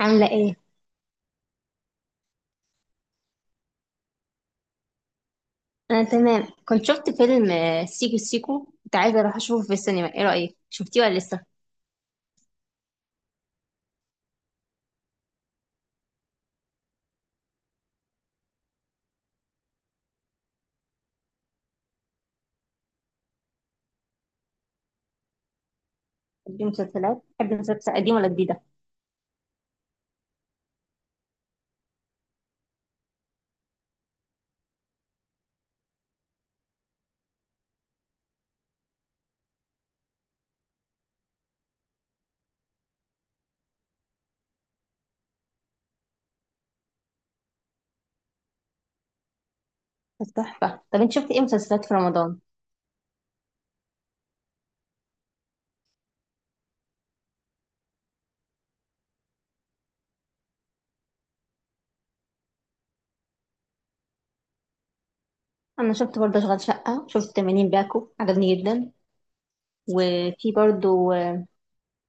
عاملة ايه؟ أنا تمام كنت شفت فيلم سيكو سيكو، كنت عايزة أروح أشوفه في السينما، ايه رأيك؟ شفتيه ولا لسه؟ دي مسلسلات، بحب المسلسلات قديمة ولا جديدة؟ بس تحفة. طب انت شفت ايه مسلسلات في رمضان؟ أنا شفت برضه أشغال شقة، شفت 80 باكو، عجبني جدا. وفي برضه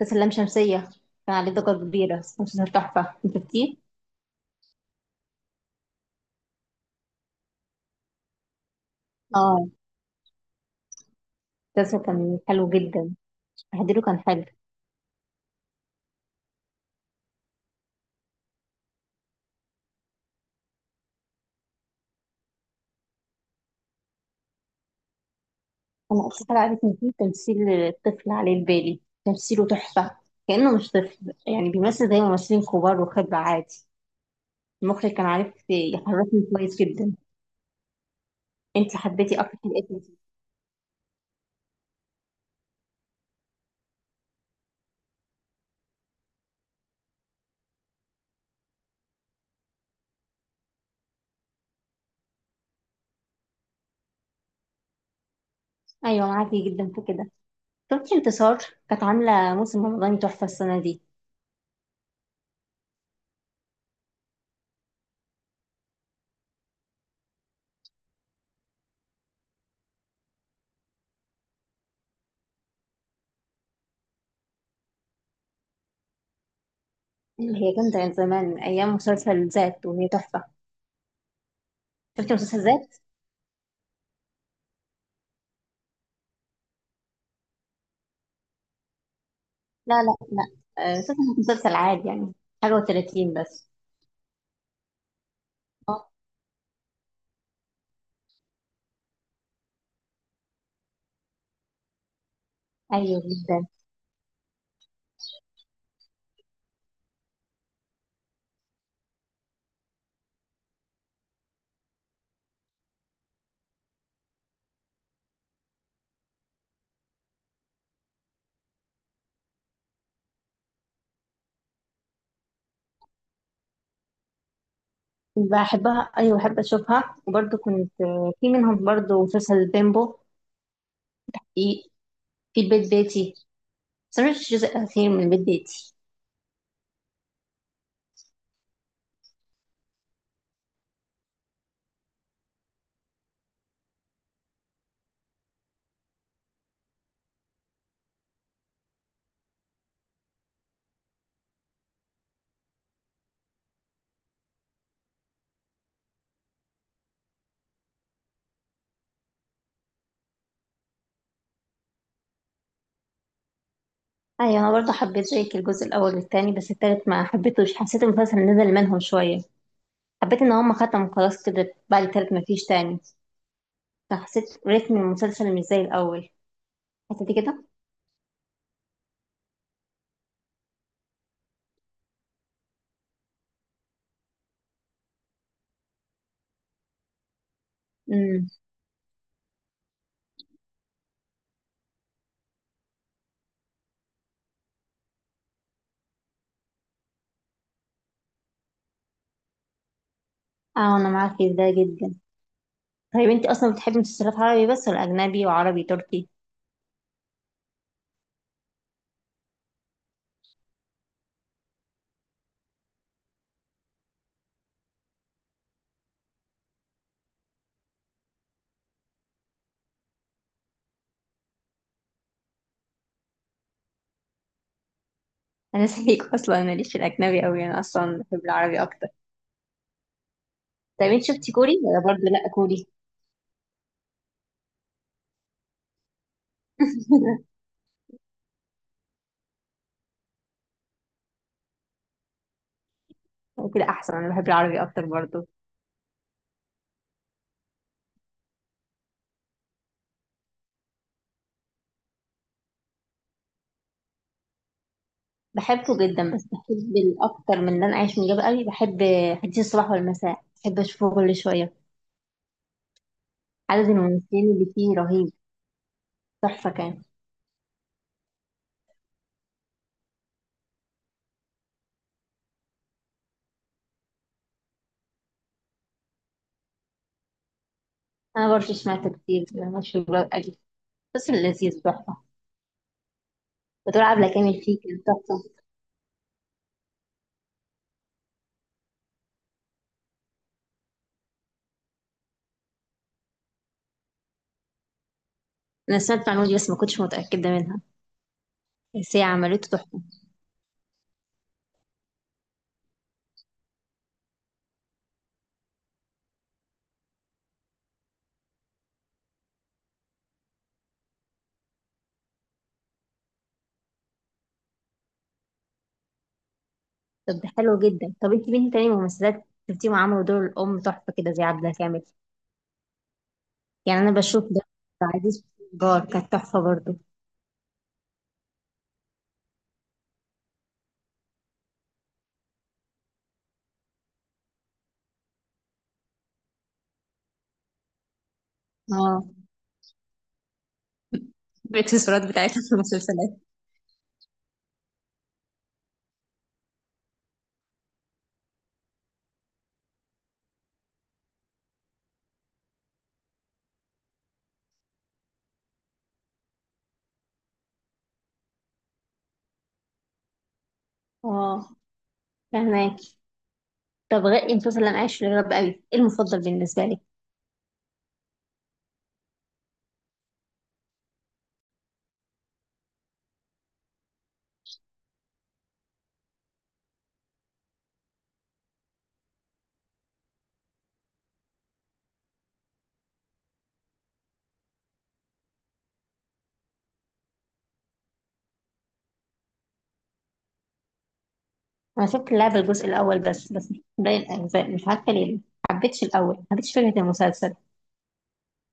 مسلسل لام شمسية، كان عليه ضجة كبيرة، بس مسلسل تحفة، انت شفتيه؟ اه، المسلسل كان حلو جدا، تحضيره كان حلو. انا اصلا عارف ان في تمثيل الطفل عليه البالي، تمثيله تحفه. كانه مش طفل، يعني بيمثل زي ممثلين كبار وخبره عادي. المخرج كان عارف يحركني كويس جدا. انت حبيتي اكتر حلقه فيه؟ ايوه، معاكي جدا في كده. شفتي انتصار؟ كانت عامله موسم رمضاني تحفه السنه دي، اللي هي كانت من زمان من ايام مسلسل ذات، وهي تحفه. شفتي مسلسل ذات؟ لا، لا، لا، مسلسل عادي يعني، حاجه و30 بس. اه. ايوه جدا. بحبها، ايوه، بحب اشوفها، وبرضه كنت، في منهم برضه مسلسل بيمبو، في في البيت بيتي، بس أنا مش الجزء الاخير من البيت بيتي. ايوه، انا برضه حبيت زيك الجزء الاول والتاني، بس التالت ما حبيتهوش، حسيت المسلسل نزل منهم شويه. حبيت ان هم ختموا خلاص كده بعد التالت، ما فيش تاني، فحسيت رتم المسلسل مش زي الاول. حسيتي كده؟ امم. اه، انا معاكي في ده جدا. طيب انت اصلا بتحبي مسلسلات عربي بس، ولا اجنبي وعربي تركي؟ انا زيك اصلا ماليش في الاجنبي قوي، انا اصلا بحب العربي اكتر. طيب انت شفتي كوري ولا برضه لا كوري؟ كده احسن، انا بحب العربي اكتر برضه. بحبه جدا، بس بحب الاكتر من اللي انا عايش من جنب قوي، بحب حديث الصباح والمساء، بحب اشوفه كل شويه. عدد الممثلين اللي فيه رهيب، تحفه كان. انا برضه سمعت كتير، مش قوي، بس لذيذ، تحفه. بتقول عبلة كامل فيه كان تحفه. انا سمعت المعلومه دي، بس ما كنتش متاكده منها. بس هي عملته تحفه. طب ده حلو جدا، طب انت مين تاني ممثلات شفتيهم عملوا دور الام تحفه كده زي عبلة كامل؟ يعني انا بشوف ده، عزيز جار كانت تحفه برضو. اه، الاكسسوارات بتاعتها في المسلسلات. اه، فهماك. طب غير المسلسل اللي انا عايش في الرب قوي، ايه المفضل بالنسبه لي؟ انا شفت لعبه الجزء الاول بس، مش باقي الاجزاء، مش عارفه ليه ما حبيتش الاول، ما حبيتش فكره المسلسل.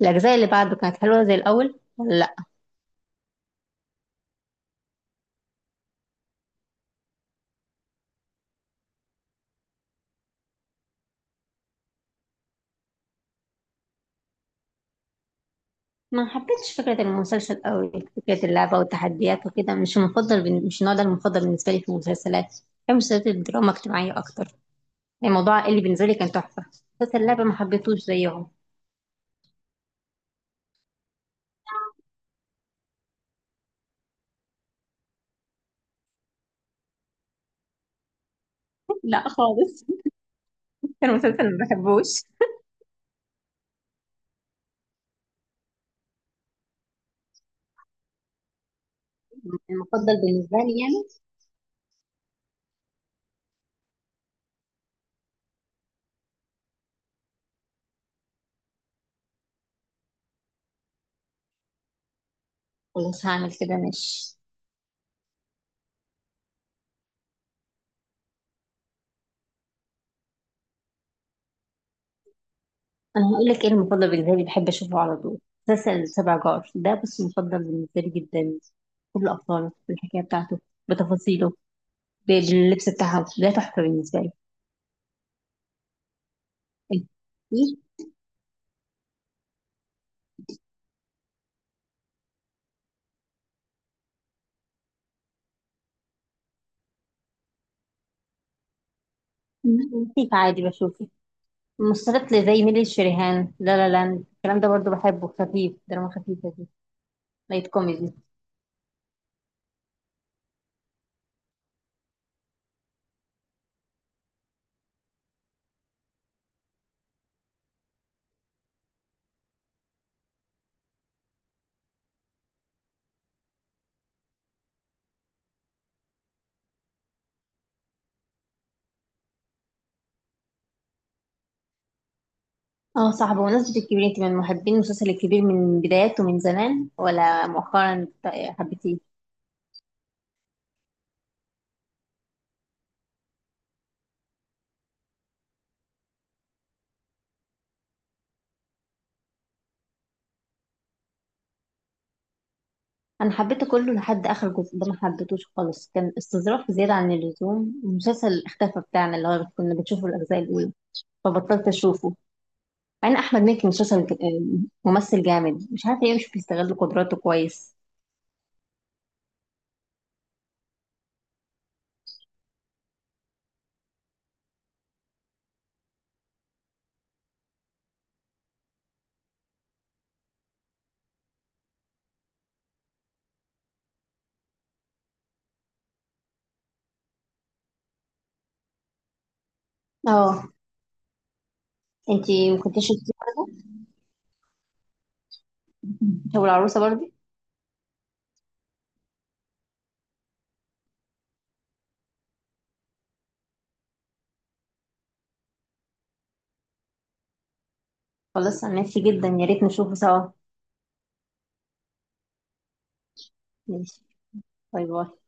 الاجزاء اللي بعده كانت حلوه زي الاول ولا لا؟ ما حبيتش فكره المسلسل قوي، فكره اللعبه والتحديات وكده مش المفضل مش النوع ده المفضل بالنسبه لي في المسلسلات. بحب مسلسلات الدراما الاجتماعيه اكتر، الموضوع اللي بالنسبه لي كان تحفه. مسلسل اللعبه ما حبيتهوش زيهم. لا خالص، كان مسلسل ما بحبوش. المفضل بالنسبه لي يعني. خلاص هعمل كده، ماشي. انا هقول لك ايه المفضل بالنسبه لي، بحب اشوفه على طول، مسلسل سبع جار ده بس مفضل بالنسبه لي جدا. كل ابطاله، بالحكايه بتاعته، بتفاصيله، باللبس بتاعهم، ده تحفه بالنسبه لي. إيه؟ لطيف عادي بشوفه. مسلسلات زي ميلي الشريهان، لا لا لاند، الكلام ده برضو بحبه، خفيف، دراما خفيفه دي، لايت كوميدي. اه صح، بمناسبة الكبير، انت من محبين المسلسل الكبير من بداياته من زمان، ولا مؤخرا حبيتيه؟ انا حبيته كله لحد اخر جزء ده، ما حبيتوش خالص، كان استظراف زيادة عن اللزوم. المسلسل اختفى بتاعنا اللي هو كنا بنشوفه الاجزاء الاولى، فبطلت اشوفه. مع ان احمد مكي مسلسل ممثل جامد، مش عارفة ليه مش بيستغل قدراته كويس. اه. انتي ما كنتيش شفتيه برضه؟ شو العروسة برضه؟ خلاص، انا نفسي جدا، يا ريت نشوفه سوا. ماشي. باي باي.